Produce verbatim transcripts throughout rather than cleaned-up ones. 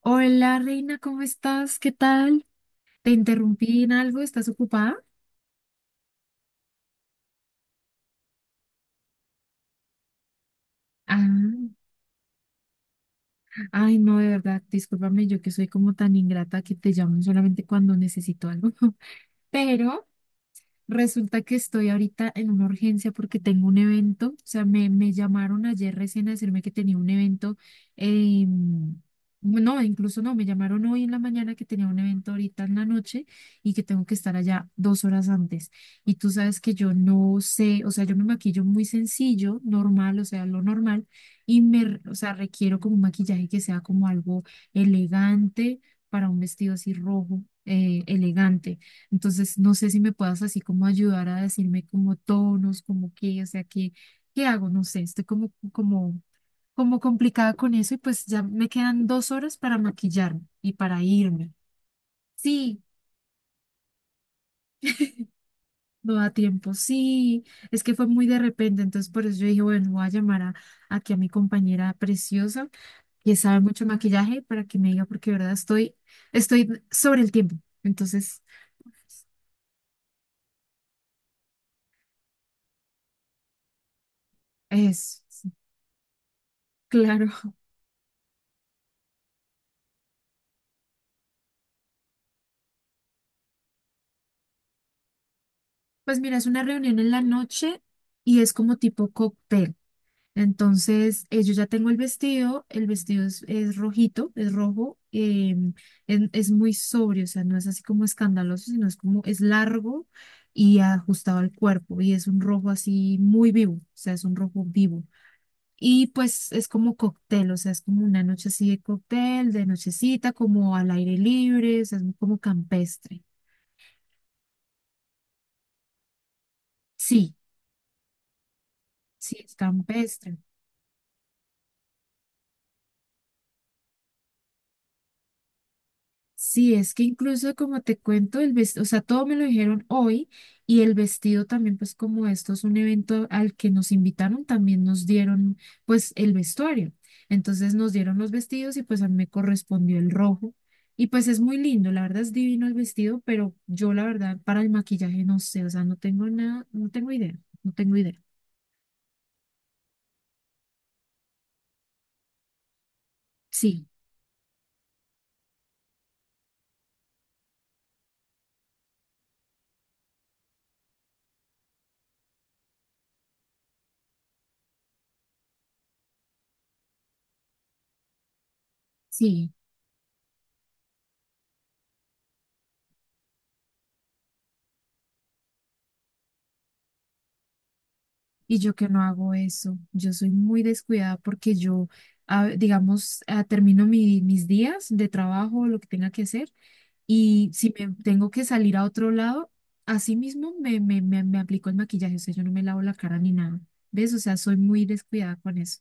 Hola, Reina, ¿cómo estás? ¿Qué tal? ¿Te interrumpí en algo? ¿Estás ocupada? Ah, ay, no, de verdad, discúlpame, yo que soy como tan ingrata que te llamo solamente cuando necesito algo. Pero resulta que estoy ahorita en una urgencia porque tengo un evento, o sea, me, me llamaron ayer recién a decirme que tenía un evento, eh, no, incluso no, me llamaron hoy en la mañana que tenía un evento ahorita en la noche y que tengo que estar allá dos horas antes. Y tú sabes que yo no sé, o sea, yo me maquillo muy sencillo, normal, o sea, lo normal, y me, o sea, requiero como un maquillaje que sea como algo elegante para un vestido así rojo, eh, elegante. Entonces, no sé si me puedas así como ayudar a decirme como tonos, como qué, o sea, qué, qué hago, no sé, estoy como, como, como, complicada con eso y pues ya me quedan dos horas para maquillarme y para irme. Sí, no da tiempo, sí, es que fue muy de repente, entonces por eso yo dije, bueno, voy a llamar a, aquí a mi compañera preciosa que sabe mucho de maquillaje para que me diga porque de verdad estoy, estoy sobre el tiempo. Entonces, es claro. Pues mira, es una reunión en la noche y es como tipo cóctel. Entonces, eh, yo ya tengo el vestido, el vestido es, es rojito, es rojo, em, en- es muy sobrio, o sea, no es así como escandaloso, sino es como, es largo y ajustado al cuerpo y es un rojo así muy vivo, o sea, es un rojo vivo. Y pues es como cóctel, o sea, es como una noche así de cóctel, de nochecita, como al aire libre, o sea, es como campestre. Sí, sí, es campestre. Sí, es que incluso como te cuento, el vestido, o sea, todo me lo dijeron hoy y el vestido también, pues como esto es un evento al que nos invitaron, también nos dieron pues el vestuario. Entonces nos dieron los vestidos y pues a mí me correspondió el rojo. Y pues es muy lindo, la verdad es divino el vestido, pero yo la verdad para el maquillaje no sé, o sea, no tengo nada, no tengo idea, no tengo idea. Sí, sí. Y yo que no hago eso, yo soy muy descuidada porque yo, ah, digamos, ah, termino mi- mis días de trabajo, lo que tenga que hacer, y si me tengo que salir a otro lado, así mismo me, me, me, me aplico el maquillaje, o sea, yo no me lavo la cara ni nada, ¿ves? O sea, soy muy descuidada con eso.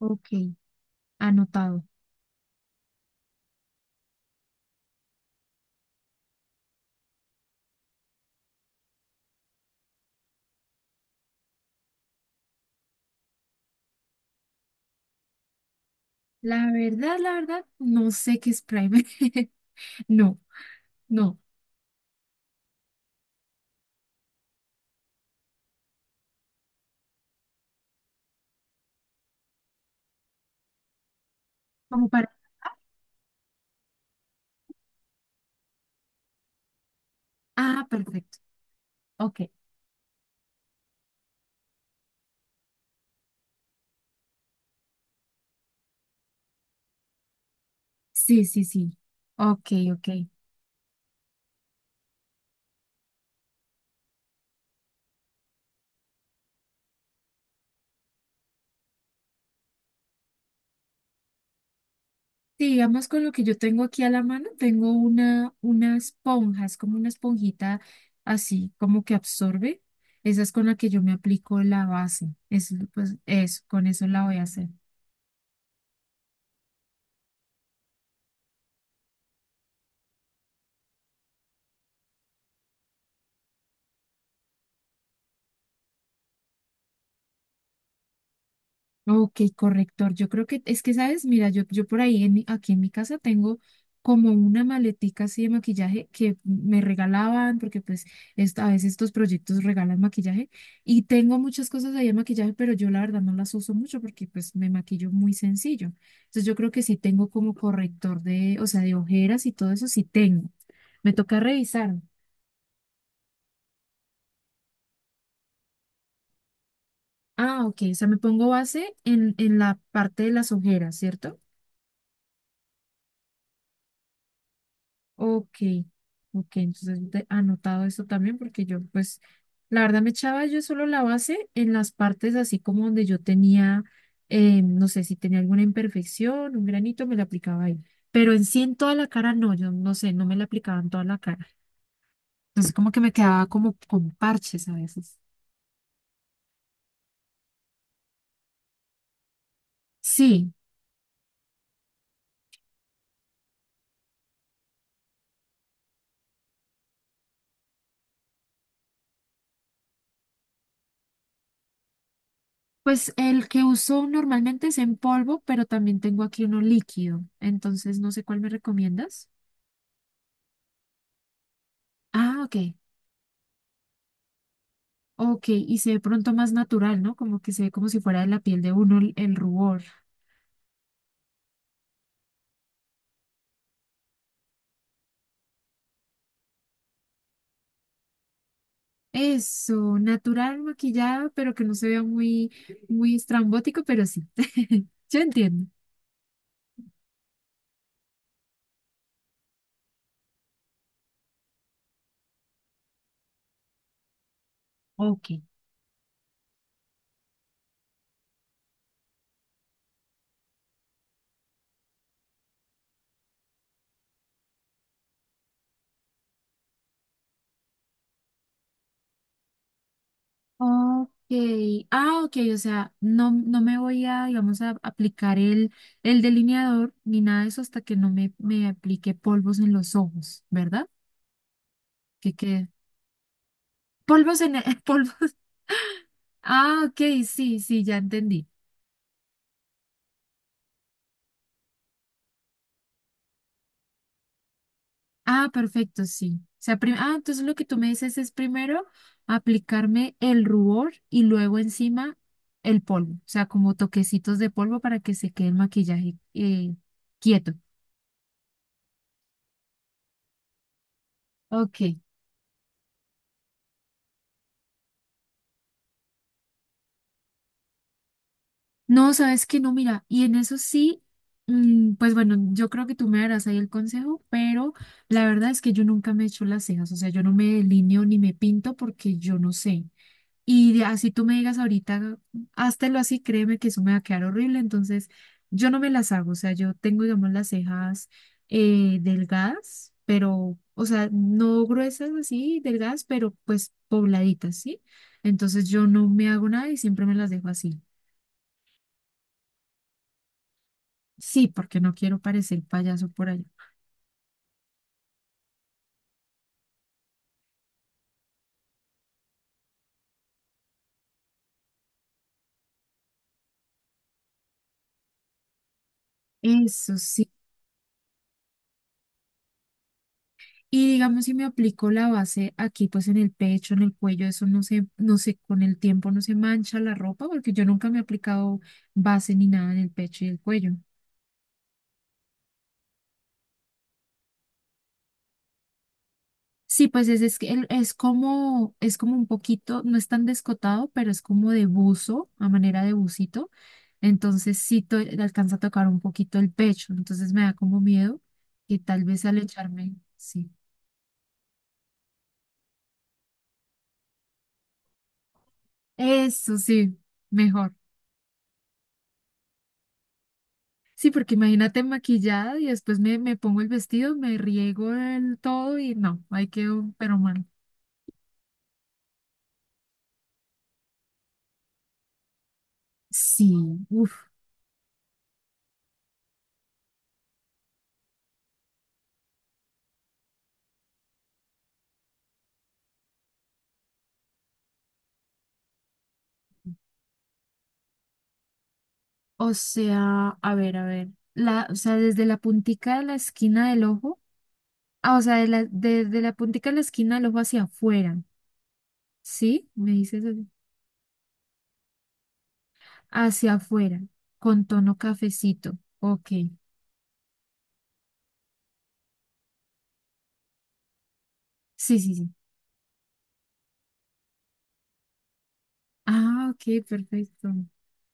Ok, anotado. La verdad, la verdad, no sé qué es primer. No, no, como para. Ah, perfecto. Ok, sí, sí, sí. Ok, ok. Sí, digamos con lo que yo tengo aquí a la mano, tengo una, una, esponja, es como una esponjita así, como que absorbe. Esa es con la que yo me aplico la base. Es, pues eso, con eso la voy a hacer. Ok, corrector. Yo creo que es que, ¿sabes? Mira, yo, yo por ahí, en mi- aquí en mi casa tengo como una maletica así de maquillaje que me regalaban, porque pues esto, a veces estos proyectos regalan maquillaje y tengo muchas cosas ahí de maquillaje, pero yo la verdad no las uso mucho porque pues me maquillo muy sencillo. Entonces yo creo que sí tengo como corrector de, o sea, de ojeras y todo eso, sí tengo. Me toca revisar. Ah, ok, o sea, me pongo base en, en la parte de las ojeras, ¿cierto? Ok, ok, entonces yo anotado esto también porque yo pues la verdad me echaba yo solo la base en las partes así como donde yo tenía, eh, no sé si tenía alguna imperfección, un granito, me la aplicaba ahí, pero en sí en toda la cara no, yo no sé, no me la aplicaba en toda la cara, entonces como que me quedaba como con parches a veces. Sí, pues el que uso normalmente es en polvo, pero también tengo aquí uno líquido, entonces no sé cuál me recomiendas. Ah, ok. Ok, y se ve pronto más natural, ¿no? Como que se ve como si fuera de la piel de uno el, el rubor. Eso, natural maquillado, pero que no se vea muy, muy estrambótico, pero sí. Yo entiendo. Ok. Ok. Ah, ok, o sea, no, no me voy a, digamos, a aplicar el, el delineador ni nada de eso hasta que no me, me aplique polvos en los ojos, ¿verdad? Que quede. Polvos en el, polvos. Ah, ok, sí, sí, ya entendí. Ah, perfecto, sí. O sea, prim- ah, entonces lo que tú me dices es primero aplicarme el rubor y luego encima el polvo, o sea, como toquecitos de polvo para que se quede el maquillaje eh, quieto. Ok. No, sabes que no, mira, y en eso sí, mm, pues bueno, yo creo que tú me darás ahí el consejo, pero la verdad es que yo nunca me he hecho las cejas, o sea, yo no me delineo ni me pinto porque yo no sé. Y de- así tú me digas ahorita, háztelo así, créeme que eso me va a quedar horrible. Entonces, yo no me las hago. O sea, yo tengo, digamos, las cejas eh, delgadas, pero, o sea, no gruesas así, delgadas, pero pues pobladitas, ¿sí? Entonces, yo no me hago nada y siempre me las dejo así. Sí, porque no quiero parecer payaso por allá. Eso sí. Y digamos, si me aplico la base aquí, pues en el pecho, en el cuello, eso no se, no sé, con el tiempo no se mancha la ropa, porque yo nunca me he aplicado base ni nada en el pecho y el cuello. Sí, pues es, es, que el- es como, es como un poquito, no es tan descotado, pero es como de buzo, a manera de bucito. Entonces sí to- alcanza a tocar un poquito el pecho. Entonces me da como miedo que tal vez al echarme, sí. Eso sí, mejor. Sí, porque imagínate maquillada y después me, me pongo el vestido, me riego el todo y no, ahí quedo, pero mal. Sí, uff. O sea, a ver, a ver. La, o sea, desde la puntica de la esquina del ojo. Ah, o sea, de la, desde la puntica de la esquina del ojo hacia afuera. ¿Sí? Me dices así. Hacia afuera, con tono cafecito. Ok. Sí, sí, sí. Ah, ok, perfecto.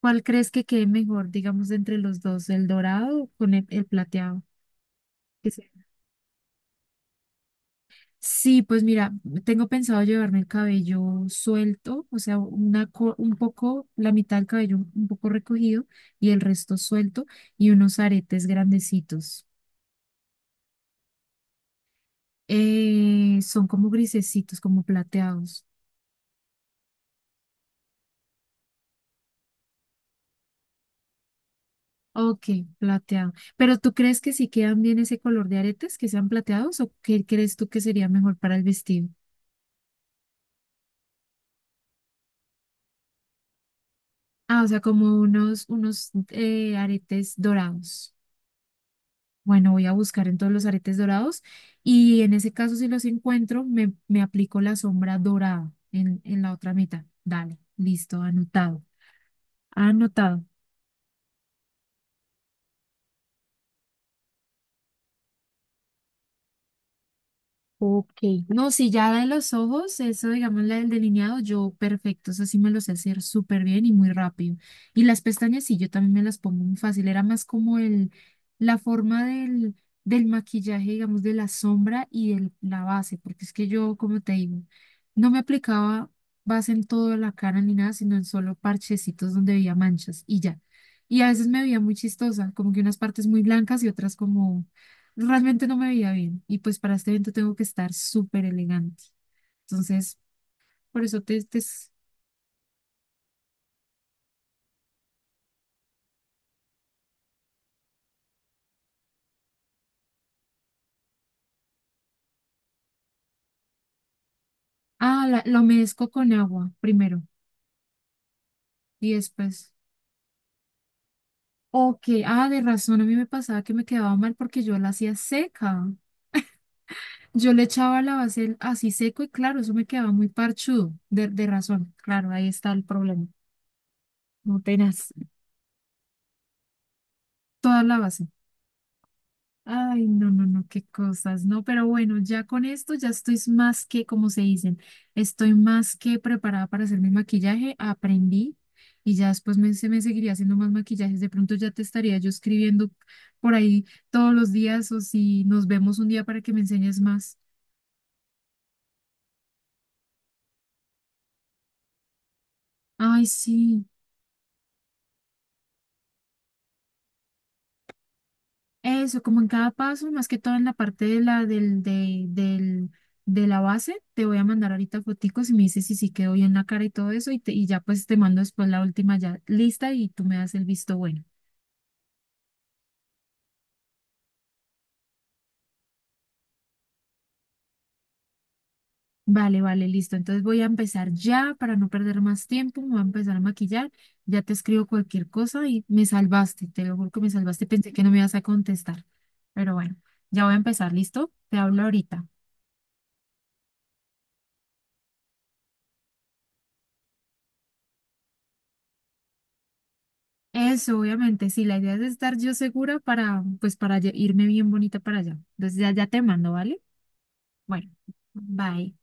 ¿Cuál crees que quede mejor, digamos, entre los dos, el dorado con el, el plateado? Sí, pues mira, tengo pensado llevarme el cabello suelto, o sea, una, co- un poco, la mitad del cabello un un poco recogido y el resto suelto y unos aretes grandecitos. Eh, son como grisecitos, como plateados. Ok, plateado. Pero ¿tú crees que si quedan bien ese color de aretes, que sean plateados o qué crees tú que sería mejor para el vestido? Ah, o sea, como unos, unos eh, aretes dorados. Bueno, voy a buscar en todos los aretes dorados y en ese caso si los encuentro, me, me aplico la sombra dorada en, en, la otra mitad. Dale, listo, anotado, anotado. Ok, no, si ya da en los ojos, eso digamos la del delineado, yo perfecto, eso sí me lo sé hacer súper bien y muy rápido. Y las pestañas sí, yo también me las pongo muy fácil, era más como el, la forma del, del maquillaje, digamos, de la sombra y de la base, porque es que yo, como te digo, no me aplicaba base en toda la cara ni nada, sino en solo parchecitos donde veía manchas y ya. Y a veces me veía muy chistosa, como que unas partes muy blancas y otras como realmente no me veía bien. Y pues para este evento tengo que estar súper elegante. Entonces, por eso te... te... s- Ah, la, la humedezco con agua primero y después. Ok, ah, de razón, a mí me pasaba que me quedaba mal porque yo la hacía seca. Yo le echaba la base así seco y claro, eso me quedaba muy parchudo, de, de razón. Claro, ahí está el problema. No tenés toda la base. Ay, no, no, no, qué cosas, ¿no? Pero bueno, ya con esto ya estoy más que, como se dicen, estoy más que preparada para hacer mi maquillaje, aprendí y ya después me, se me seguiría haciendo más maquillajes. De pronto ya te estaría yo escribiendo por ahí todos los días o si nos vemos un día para que me enseñes más. Ay, sí. Eso, como en cada paso, más que todo en la parte de la, del, de, del, de la base, te voy a mandar ahorita foticos y me dices si sí quedó bien la cara y todo eso, y, te, y ya pues te mando después la última ya lista y tú me das el visto bueno. Vale, vale, listo. Entonces voy a empezar ya para no perder más tiempo, me voy a empezar a maquillar, ya te escribo cualquier cosa y me salvaste, te lo juro que me salvaste, pensé que no me ibas a contestar, pero bueno, ya voy a empezar, ¿listo? Te hablo ahorita. Eso, obviamente, sí, la idea es estar yo segura para, pues, para lle- irme bien bonita para allá. Entonces ya, ya te mando, ¿vale? Bueno, bye.